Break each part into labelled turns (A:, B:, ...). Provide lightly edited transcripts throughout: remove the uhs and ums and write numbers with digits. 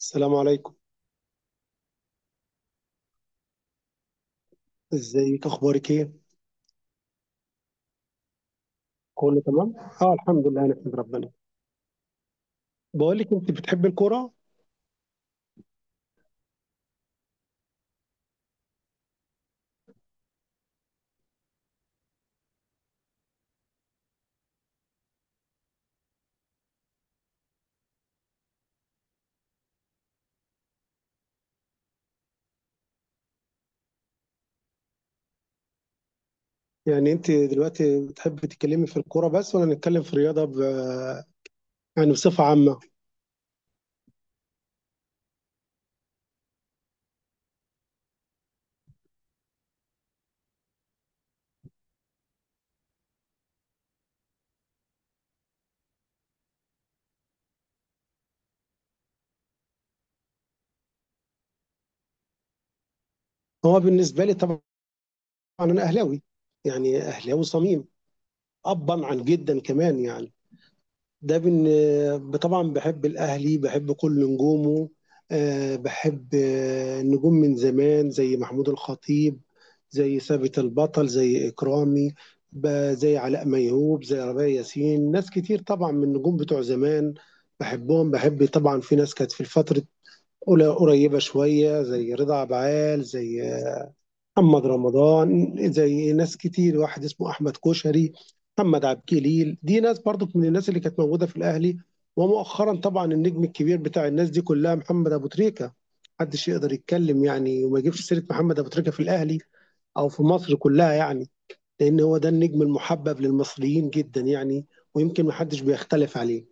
A: السلام عليكم. ازيك؟ اخبارك ايه؟ كله تمام. اه، الحمد لله، نحمد ربنا. بقول لك، انت بتحبي الكوره؟ يعني انت دلوقتي بتحبي تتكلمي في الكوره بس، ولا نتكلم في الرياضه يعني بصفه عامه؟ هو بالنسبه لي طبعا، انا اهلاوي، يعني اهلاوي صميم، ابا عن جدا كمان يعني. طبعا بحب الاهلي، بحب كل نجومه. بحب نجوم من زمان زي محمود الخطيب، زي ثابت البطل، زي اكرامي، زي علاء ميهوب، زي ربيع ياسين، ناس كتير طبعا من النجوم بتوع زمان، بحبهم. بحب طبعا في ناس كانت في الفترة قريبة شوية، زي رضا عبعال، زي محمد رمضان، زي ناس كتير، واحد اسمه احمد كوشري، محمد عبد الجليل، دي ناس برضو من الناس اللي كانت موجوده في الاهلي. ومؤخرا طبعا النجم الكبير بتاع الناس دي كلها محمد ابو تريكه. محدش يقدر يتكلم يعني وما يجيبش سيره محمد ابو تريكه في الاهلي او في مصر كلها يعني، لان هو ده النجم المحبب للمصريين جدا يعني، ويمكن محدش بيختلف عليه.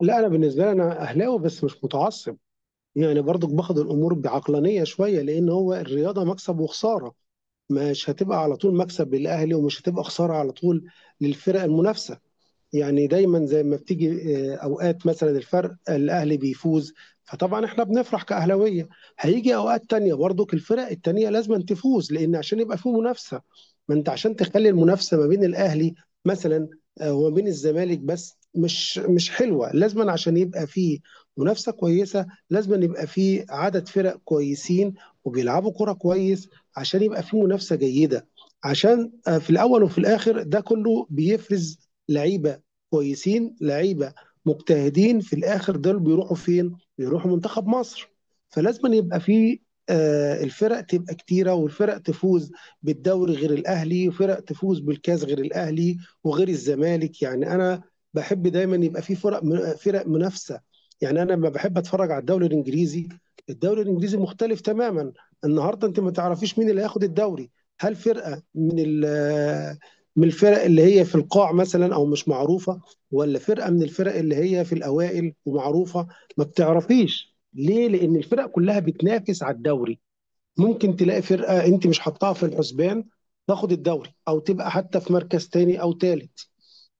A: لا، انا بالنسبه لي انا اهلاوي بس مش متعصب، يعني برضو باخد الامور بعقلانيه شويه، لان هو الرياضه مكسب وخساره. مش هتبقى على طول مكسب للاهلي، ومش هتبقى خساره على طول للفرق المنافسه. يعني دايما زي ما بتيجي، اوقات مثلا الفرق الاهلي بيفوز، فطبعا احنا بنفرح كاهلاويه. هيجي اوقات تانية برضك الفرق التانية لازم تفوز، لان عشان يبقى فيه منافسه. ما انت عشان تخلي المنافسه ما بين الاهلي مثلا، وما بين الزمالك بس، مش حلوه لازما، عشان يبقى فيه منافسه كويسه، لازما يبقى فيه عدد فرق كويسين وبيلعبوا كره كويس، عشان يبقى فيه منافسه جيده، عشان في الاول وفي الاخر ده كله بيفرز لعيبه كويسين، لعيبه مجتهدين، في الاخر دول بيروحوا فين؟ بيروحوا منتخب مصر. فلازم يبقى في الفرق تبقى كتيرة، والفرق تفوز بالدوري غير الأهلي، وفرق تفوز بالكاس غير الأهلي وغير الزمالك. يعني أنا بحب دايما يبقى في فرق، فرق منافسة. يعني أنا لما بحب أتفرج على الدوري الإنجليزي، الدوري الإنجليزي مختلف تماما. النهاردة أنت ما تعرفيش مين اللي هياخد الدوري، هل فرقة من الفرق اللي هي في القاع مثلا أو مش معروفة، ولا فرقه من الفرق اللي هي في الاوائل ومعروفه. ما بتعرفيش ليه؟ لان الفرق كلها بتنافس على الدوري. ممكن تلاقي فرقه انت مش حاطاها في الحسبان تاخد الدوري، او تبقى حتى في مركز تاني او تالت،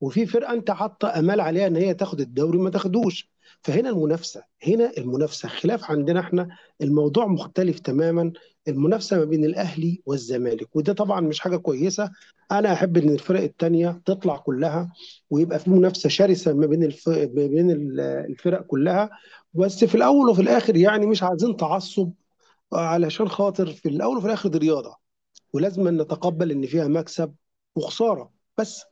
A: وفي فرقه انت حاطه امال عليها ان هي تاخد الدوري ما تاخدوش. فهنا المنافسه، هنا المنافسه خلاف عندنا احنا. الموضوع مختلف تماما. المنافسه ما بين الاهلي والزمالك، وده طبعا مش حاجه كويسه. انا احب ان الفرق التانيه تطلع كلها، ويبقى في منافسه شرسه ما بين ما بين الفرق كلها. بس في الاول وفي الاخر يعني مش عايزين تعصب، علشان خاطر في الاول وفي الاخر دي رياضه، ولازم نتقبل ان فيها مكسب وخساره بس.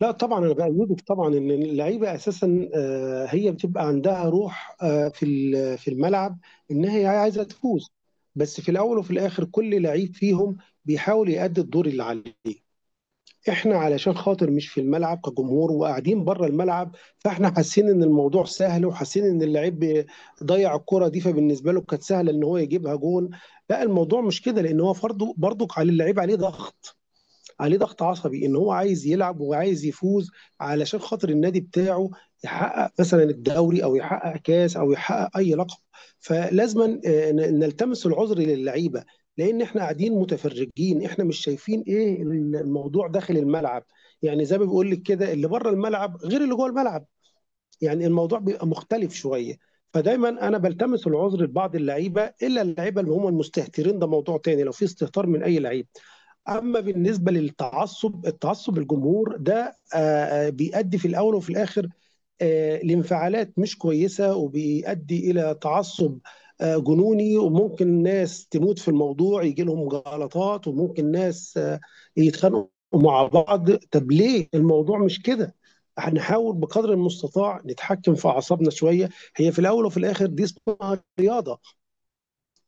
A: لا طبعا انا بايدك طبعا، ان اللعيبه اساسا هي بتبقى عندها روح في في الملعب، ان هي عايزه تفوز. بس في الاول وفي الاخر كل لعيب فيهم بيحاول يأدي الدور اللي عليه. احنا علشان خاطر مش في الملعب، كجمهور وقاعدين بره الملعب، فاحنا حاسين ان الموضوع سهل، وحاسين ان اللعيب ضيع الكرة دي، فبالنسبه له كانت سهله ان هو يجيبها جون. لا الموضوع مش كده، لان هو برضه برضك على اللعيب عليه ضغط، عليه ضغط عصبي، ان هو عايز يلعب وعايز يفوز علشان خاطر النادي بتاعه، يحقق مثلا الدوري او يحقق كاس او يحقق اي لقب. فلازما نلتمس العذر للعيبه، لان احنا قاعدين متفرجين، احنا مش شايفين ايه الموضوع داخل الملعب. يعني زي ما بيقول لك كده، اللي بره الملعب غير اللي جوه الملعب، يعني الموضوع بيبقى مختلف شويه. فدايما انا بلتمس العذر لبعض اللعيبه، الا اللعيبه اللي هم المستهترين، ده موضوع تاني لو في استهتار من اي لعيب. اما بالنسبه للتعصب، التعصب الجمهور ده بيؤدي في الاول وفي الاخر لانفعالات مش كويسه، وبيؤدي الى تعصب جنوني، وممكن ناس تموت في الموضوع يجي لهم جلطات، وممكن ناس يتخانقوا مع بعض. طب ليه الموضوع مش كده؟ هنحاول بقدر المستطاع نتحكم في اعصابنا شويه. هي في الاول وفي الاخر دي اسمها رياضه.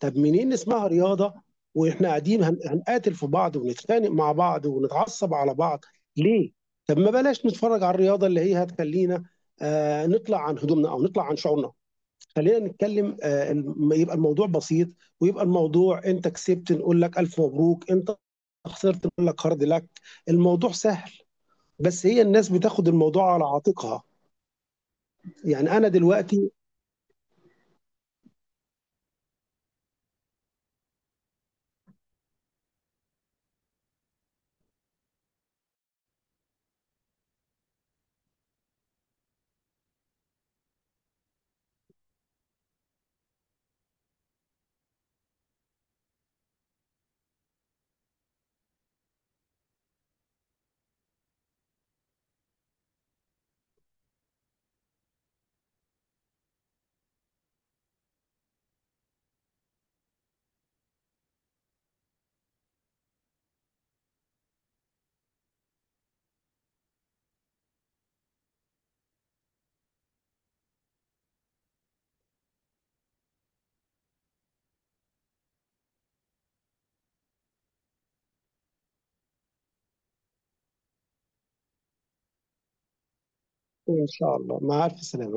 A: طب منين اسمها رياضه واحنا قاعدين هنقاتل في بعض، ونتخانق مع بعض، ونتعصب على بعض؟ ليه؟ طب ما بلاش نتفرج على الرياضه اللي هي هتخلينا آه نطلع عن هدومنا، او نطلع عن شعورنا. خلينا نتكلم آه يبقى الموضوع بسيط، ويبقى الموضوع انت كسبت نقول لك الف مبروك، انت خسرت نقول لك هارد لك. الموضوع سهل، بس هي الناس بتاخد الموضوع على عاتقها. يعني انا دلوقتي، ان شاء الله، مع الف سلامه.